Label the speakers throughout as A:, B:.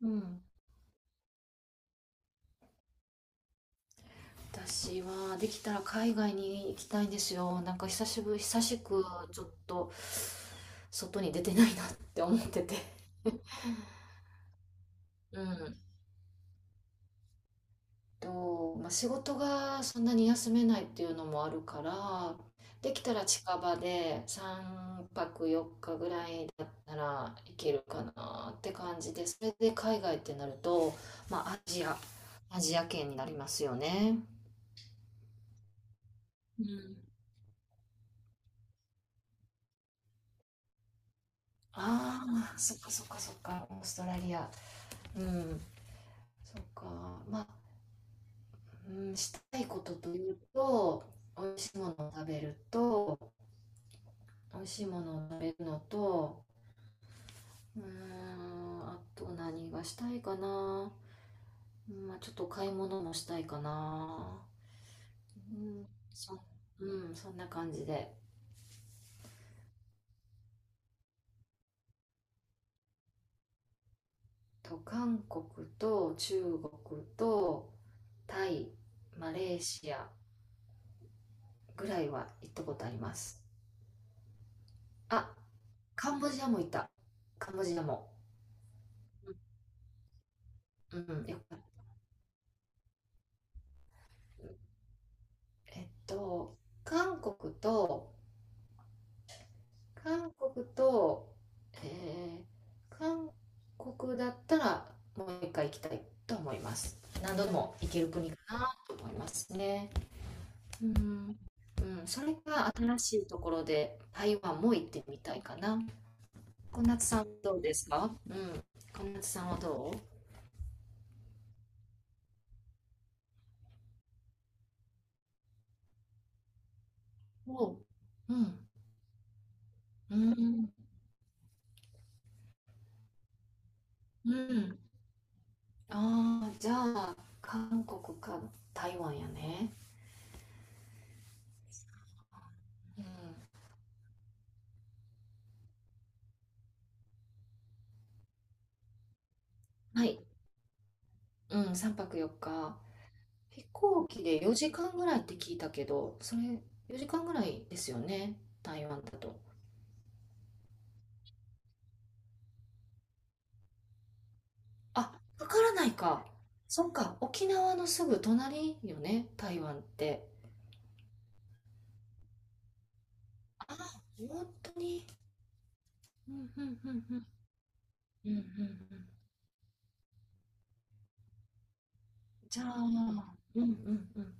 A: うん。私はできたら海外に行きたいんですよ。久しくちょっと外に出てないなって思ってて。うん。まあ、仕事がそんなに休めないっていうのもあるから、できたら近場で3泊4日ぐらいだったら行けるかなって感じで、それで海外ってなると、まあアジア圏になりますよね。うん。ああ、そっかそっかそっか、オーストラリア。うん、そっか。まあ、うん、したいことというと、美味しいものを食べると、美味しいものを食べるのと、あと何がしたいかな。うんまあ、ちょっと買い物もしたいかな。うん、そ、うん、そんな感じで。韓国と中国とタイ、マレーシアぐらいは行ったことあります。あ、カンボジアも行った。カンボジアも。うん、よかった。えっと、韓国と、韓国と、えー、韓国だったらもう一回行きたいと思います。何度でも行ける国かなと思いますね。うん、うん、それが新しいところで台湾も行ってみたいかな。小夏さん、どうですか？うん。小夏さんはどうおう。うん。うん。うん。ああ、じゃあ、韓国か台湾やね。うん、はい。うん、3泊4日。飛行機で4時間ぐらいって聞いたけど、それ4時間ぐらいですよね。台湾だと。あ、かからないか。そっか。沖縄のすぐ隣よね。台湾って。あ、本当に。うん、うん、うん、うん。うん、うん、うん。じゃあ、うん、うん、うん。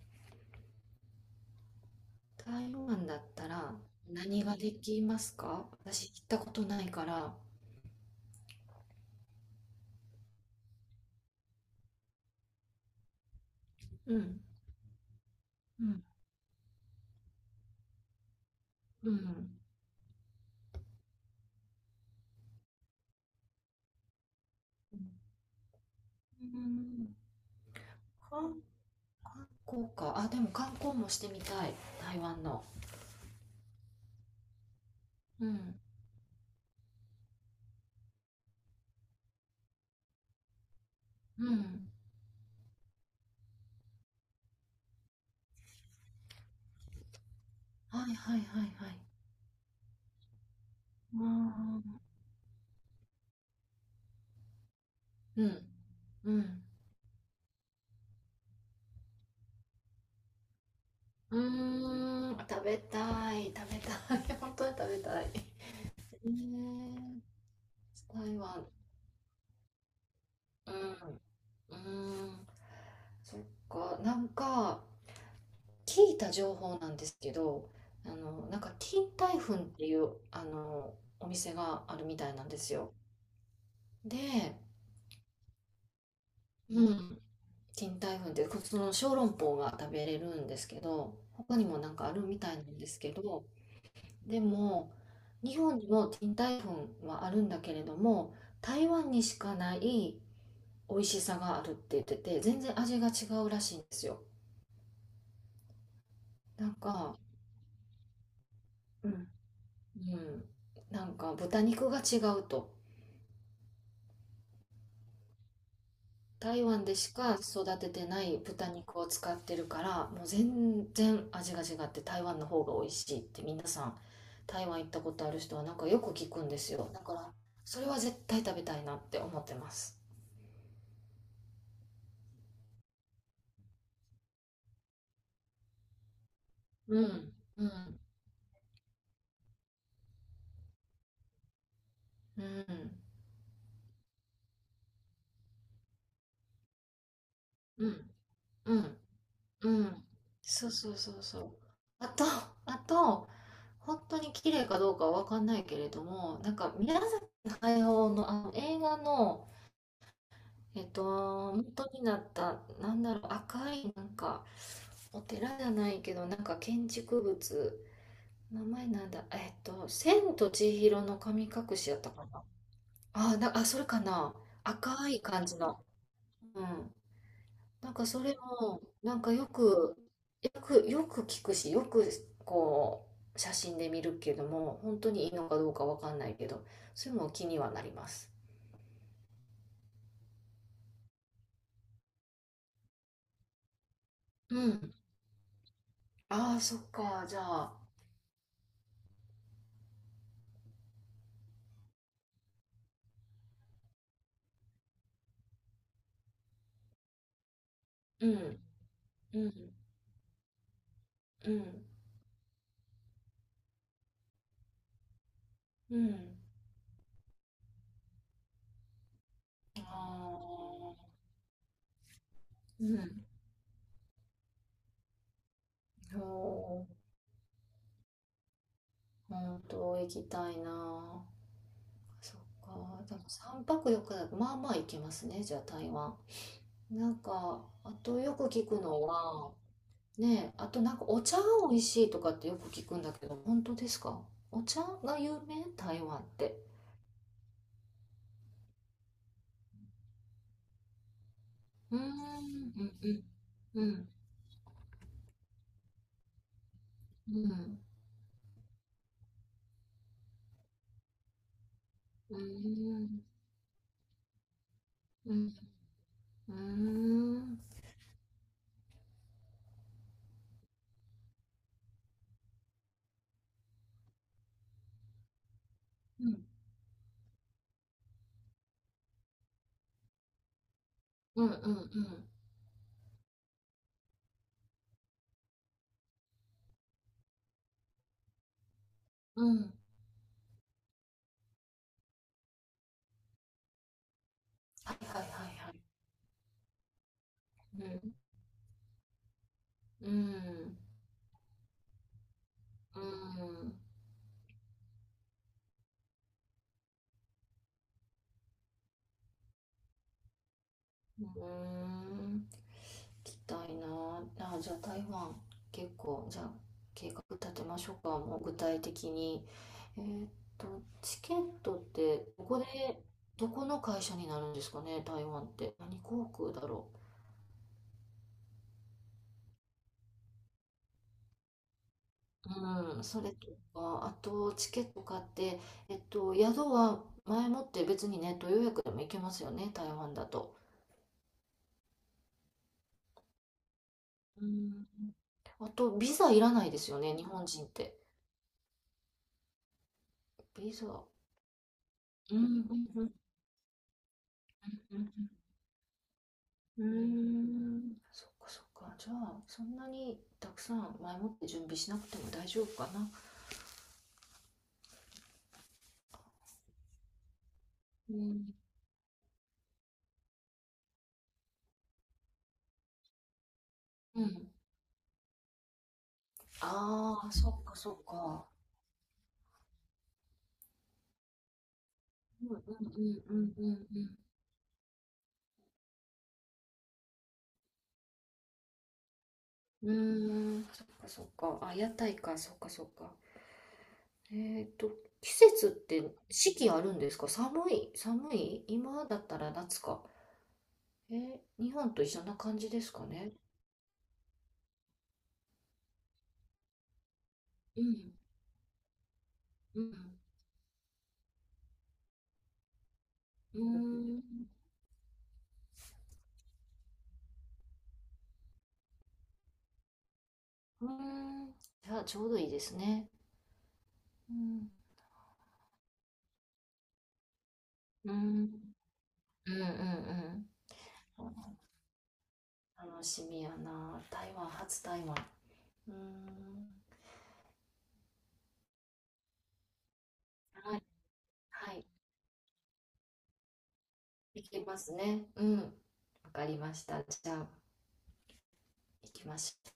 A: 台湾だったら何ができますか？私行ったことないから。うん、うん、うん。うん、うん、韓観光か。あ、でも観光もしてみたい。台湾の。うん。うん。はいはいはいはい。あー、うん。うん。うーん。食べたい。食べたい。本当に食べたい。ねえ。台湾。うん。うん。そっか。なんか、聞いた情報なんですけど、金台粉っていう、お店があるみたいなんですよ。で、うん。賃貸粉ってその小籠包が食べれるんですけど、他にもなんかあるみたいなんですけど、でも日本にも賃貸粉はあるんだけれども、台湾にしかない美味しさがあるって言ってて、全然味が違うらしいんですよ。なんかうん、うん、豚肉が違うと。台湾でしか育ててない豚肉を使ってるから、もう全然味が違って、台湾の方が美味しいって皆さん、台湾行ったことある人はよく聞くんですよ。だから、それは絶対食べたいなって思ってます。うん、うん、うん、うん、うん、うん、そうそうそうそう、あとあと、本当に綺麗かどうかは分かんないけれども、なんか宮崎駿のあの映画の、元になった、赤い、お寺じゃないけど、建築物、名前なんだ、千と千尋の神隠しやったかな。あ、それかな。赤い感じの。うん。それも、よく聞くし、よく、こう、写真で見るけども、本当にいいのかどうかわかんないけど、それも気にはなります。うん。ああ、そっか。じゃあ、うん、うん、うん。うん。ああ、うん。そ本当行きたいな。そっか。でも3泊4日だと、まあまあ行けますね、じゃあ台湾。なんか、あとよく聞くのは、ねえ、あとお茶が美味しいとかってよく聞くんだけど、本当ですか？お茶が有名、台湾って。うーん、うん、うん、うん、うん、うん、うん、うん、うん、うん、うん、うん、うん、はいはいはいはい。うんうん、うん、うん、行きたいな。あ、じゃあ台湾、結構、じゃあ計画立てましょうか、もう具体的に。えーっチケットって、どこの会社になるんですかね、台湾って。何航空だろう。うん、それとか、あと、チケット買って、宿は前もって別にネット予約でも行けますよね、台湾だと。うん、あと、ビザいらないですよね、日本人って。ビザ。うん、うん、うん、うん、うん、うーん、そっかそっか、じゃあそんなにたくさん前もって準備しなくても大丈夫かな。うん、うん、ああー、そっかそっか。うん、うん、うん、うん、うん、うん、うーん、そっかそっか、あ屋台か、そっかそっか。えっと季節って四季あるんですか？寒い寒い今だったら夏か、日本と一緒な感じですかね。うん、うん、うーん、うーん。じゃあ、ちょうどいいですね。うん、うん。うんうんうん。楽しみやな。台湾、初台湾。うーん。はい。はい。行きますね。うん。わかりました。じゃあ、行きましょう。